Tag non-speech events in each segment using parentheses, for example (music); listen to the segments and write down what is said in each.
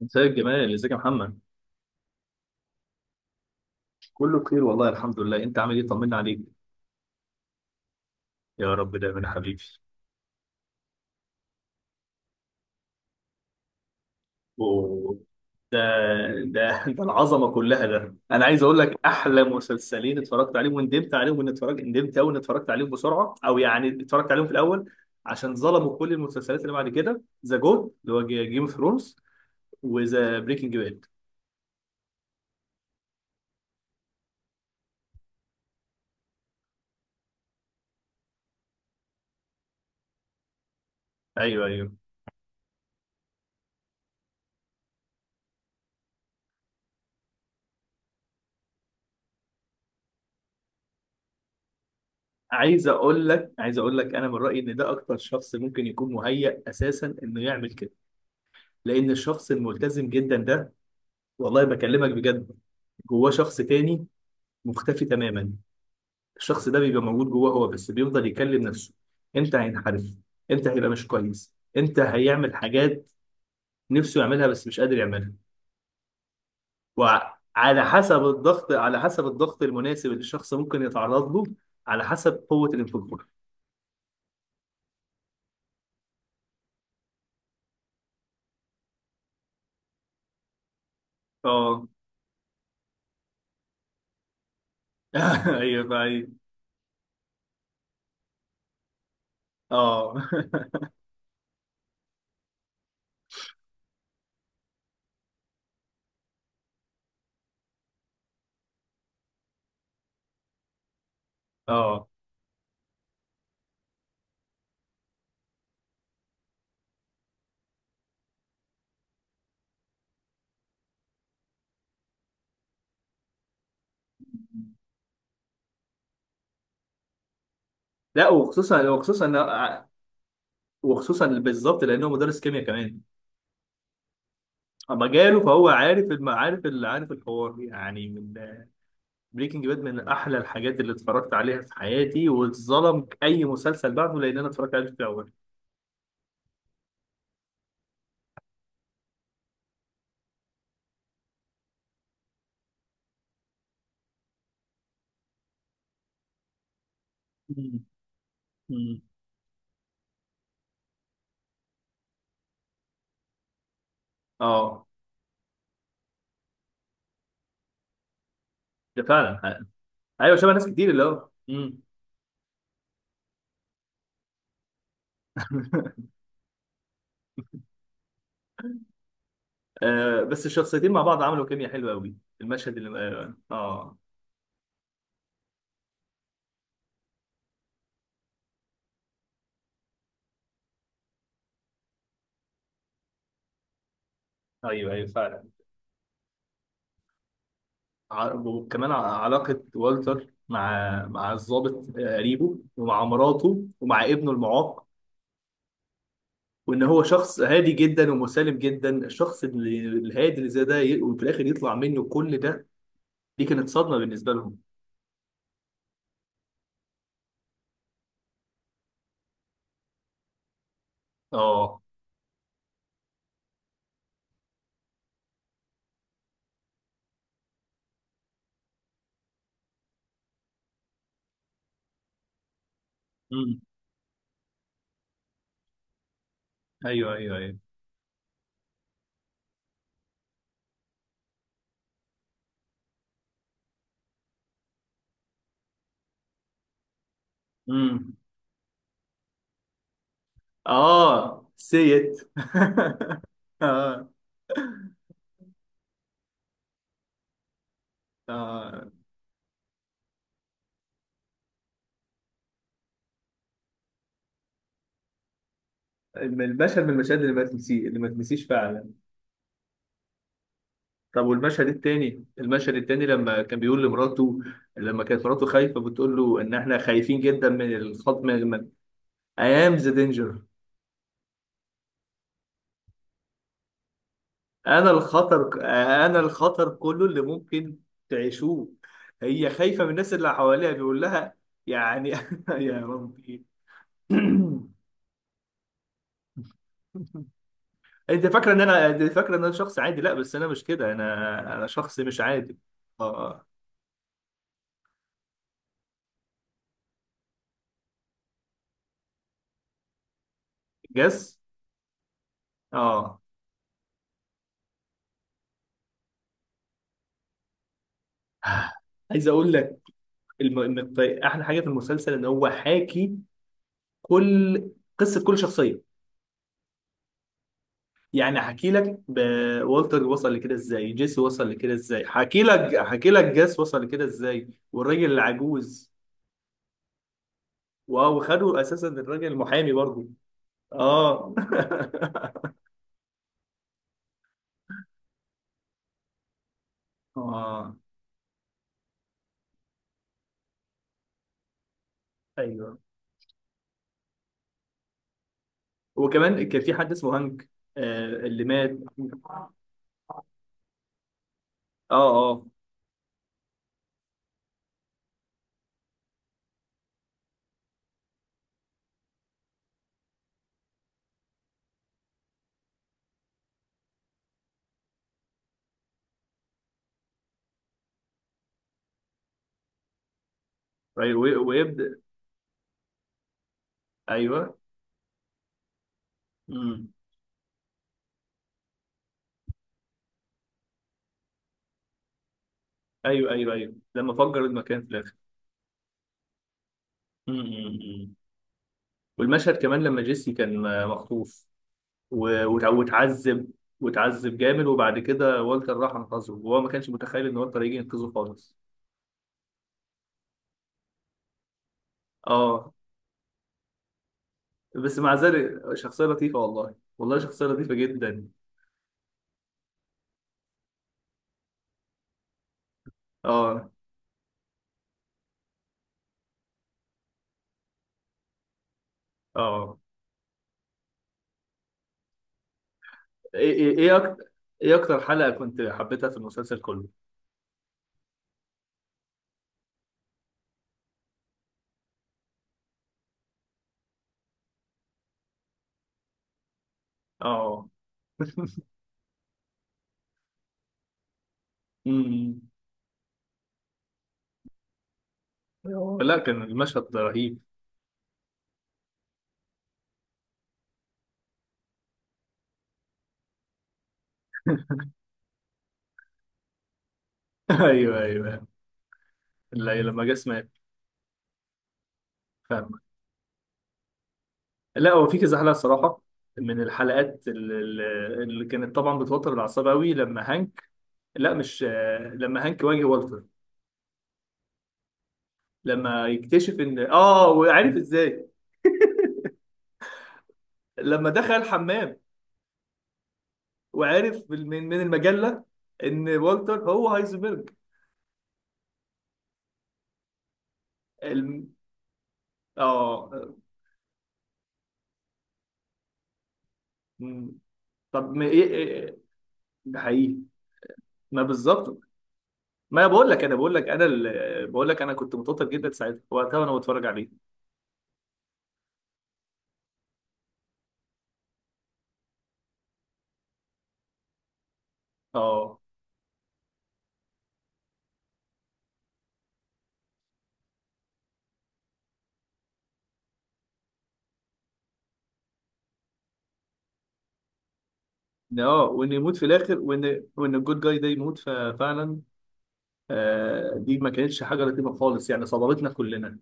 مساء الجمال، ازيك يا محمد؟ كله بخير والله، الحمد لله. انت عامل ايه؟ طمنا عليك. يا رب دايما يا حبيبي. أوه. ده ده (laughs) ده العظمه كلها. ده انا عايز اقول لك احلى مسلسلين اتفرجت عليهم وندمت عليهم، وان اتفرجت ندمت قوي ان اتفرجت عليهم بسرعه، او يعني اتفرجت عليهم في الاول عشان ظلموا كل المسلسلات اللي بعد كده، ذا جود اللي هو جيم اوف ثرونز وذا بريكنج باد. ايوه ايوه. عايز اقول لك، عايز اقول لك، انا من رايي ان ده اكتر شخص ممكن يكون مهيأ اساسا انه يعمل كده، لان الشخص الملتزم جدا ده، والله بكلمك بجد، جواه شخص تاني مختفي تماما. الشخص ده بيبقى موجود جواه هو، بس بيفضل يكلم نفسه: انت هينحرف، انت هيبقى مش كويس، انت هيعمل حاجات نفسه يعملها بس مش قادر يعملها. وعلى حسب الضغط، على حسب الضغط المناسب اللي الشخص ممكن يتعرض له، على حسب قوة الانفجار. اه. (laughs) ايوه فاهم. اه. (laughs) اه. لا، وخصوصا، وخصوصا، وخصوصا بالظبط لانه مدرس كيمياء كمان. اما جاله فهو عارف عارف عارف الحوار، يعني. من بريكنج باد، من احلى الحاجات اللي اتفرجت عليها في حياتي، واتظلم اي مسلسل بعده لان انا اتفرجت عليه في الاول. مم. مم. اه. ده فعلا حقيقة. ايوه، شبه ناس كتير اللي هو مم. (laughs) آه، بس الشخصيتين مع بعض عملوا كيمياء حلوه قوي. المشهد اللي اه آه. ايوه ايوه فعلا. ع- وكمان ع- علاقه والتر مع مع الضابط آه، قريبه، ومع مراته، ومع ابنه المعاق. وان هو شخص هادي جدا ومسالم جدا، الشخص الهادي اللي زي ده وفي الاخر يطلع منه كل ده. دي كانت صدمه بالنسبه لهم. اه. امم. ايوه ايوه ايوه. امم. اه سيت. (laughs) اه اه. المشهد من المشاهد اللي ما تنسي اللي ما تنسيش فعلا. طب والمشهد التاني، المشهد التاني لما كان بيقول لمراته، لما كانت مراته خايفه بتقول له ان احنا خايفين جدا من الخطر، من ايام ذا دينجر. انا الخطر، انا الخطر كله اللي ممكن تعيشوه. هي خايفة من الناس اللي حواليها، بيقول لها يعني. (laughs) يا ربي. (coughs) انت فاكره ان انا، انت فاكره ان انا شخص عادي؟ لا، بس انا مش كده، انا شخص مش عادي. اه جس. اه، عايز اقول لك، إن احلى حاجه في المسلسل ان هو حاكي كل قصه كل شخصيه. يعني هحكي لك والتر وصل لكده ازاي، جيسي وصل لكده ازاي، هحكي لك، هحكي لك جاس وصل لكده ازاي والراجل العجوز. واو، خدوا اساسا الراجل المحامي برضه. اه. (laughs) اه. ايوه، وكمان كان في حد اسمه هانك، آه اللي مات. اه اه. ايوه ويبدا. ايوه. امم. ايوه ايوه ايوه، لما فجر المكان في الاخر. امم. والمشهد كمان لما جيسي كان آه، مخطوف، وتعذب، وتعذب جامد، وبعد كده والتر راح انقذه، وهو ما كانش متخيل ان والتر هيجي ينقذه خالص. اه، بس مع ذلك شخصية لطيفة، والله والله شخصية لطيفة جدا. اه اه. ايه ايه ايه اكتر. ايه اكتر حلقة كنت حبيتها في المسلسل كله؟ اه. (laughs) أمم. لا، كان المشهد رهيب. (laughs) ايوه ايوه. لا لما جه مات. فاهم. لا، هو في كذا حلقه صراحه، من الحلقات اللي كانت طبعا بتوتر الاعصاب قوي، لما هانك، لا مش آه، لما هانك واجه والتر، لما يكتشف ان اه، وعارف ازاي، لما دخل الحمام، وعارف من من المجله ان والتر هو هايزنبرج. الم... اه. مم. طب ما ايه إيه؟ ده حقيقي. ما بالظبط. ما بقول لك انا بقول لك انا كنت متوتر جدا ساعتها، وقتها وانا بتفرج عليه. اه. اه، وان يموت في الاخر، وان الجود جاي ده يموت، ففعلا. آه، دي ما كانتش حاجه لطيفه خالص، يعني صدمتنا كلنا.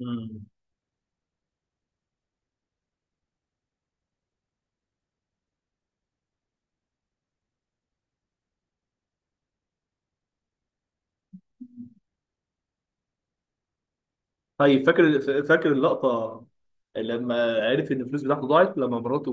مم. طيب، فاكر، فاكر اللقطة لما عرف ان الفلوس بتاعته ضاعت لما مراته.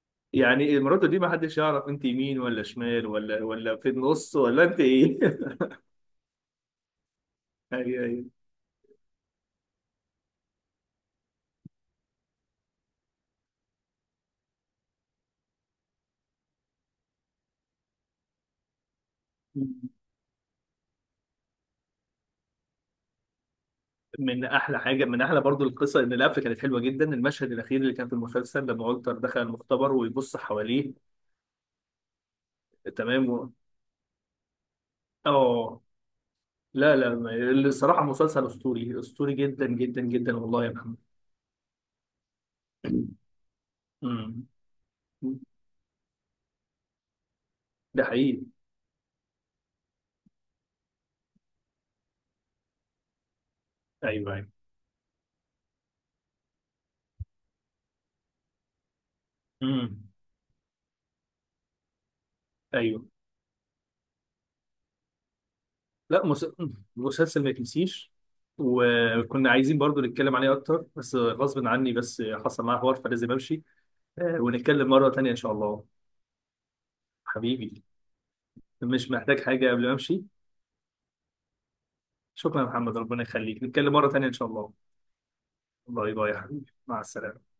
(laughs) يعني مراته دي ما حدش يعرف انت يمين ولا شمال، ولا في النص، ولا انت ايه. (laughs) ايوه ايوه. من احلى حاجه، من احلى برضو القصه، ان القفله كانت حلوه جدا، المشهد الاخير اللي كان في المسلسل لما والتر دخل المختبر ويبص حواليه. تمام و... اه. لا لا ما-. الصراحه مسلسل اسطوري، اسطوري جدا جدا جدا، والله يا محمد. (coughs) امم. ده حقيقي. ايوه ايوه. امم. ايوه. لا مس... مسلسل ما يتنسيش. وكنا عايزين برضو نتكلم عليه اكتر، بس غصب عني، بس حصل معايا حوار فلازم امشي آه، ونتكلم مره تانية ان شاء الله. حبيبي، مش محتاج حاجه قبل ما امشي. شكرا يا محمد، ربنا يخليك، نتكلم مره تانية ان شاء الله. باي باي يا حبيبي، مع السلامه.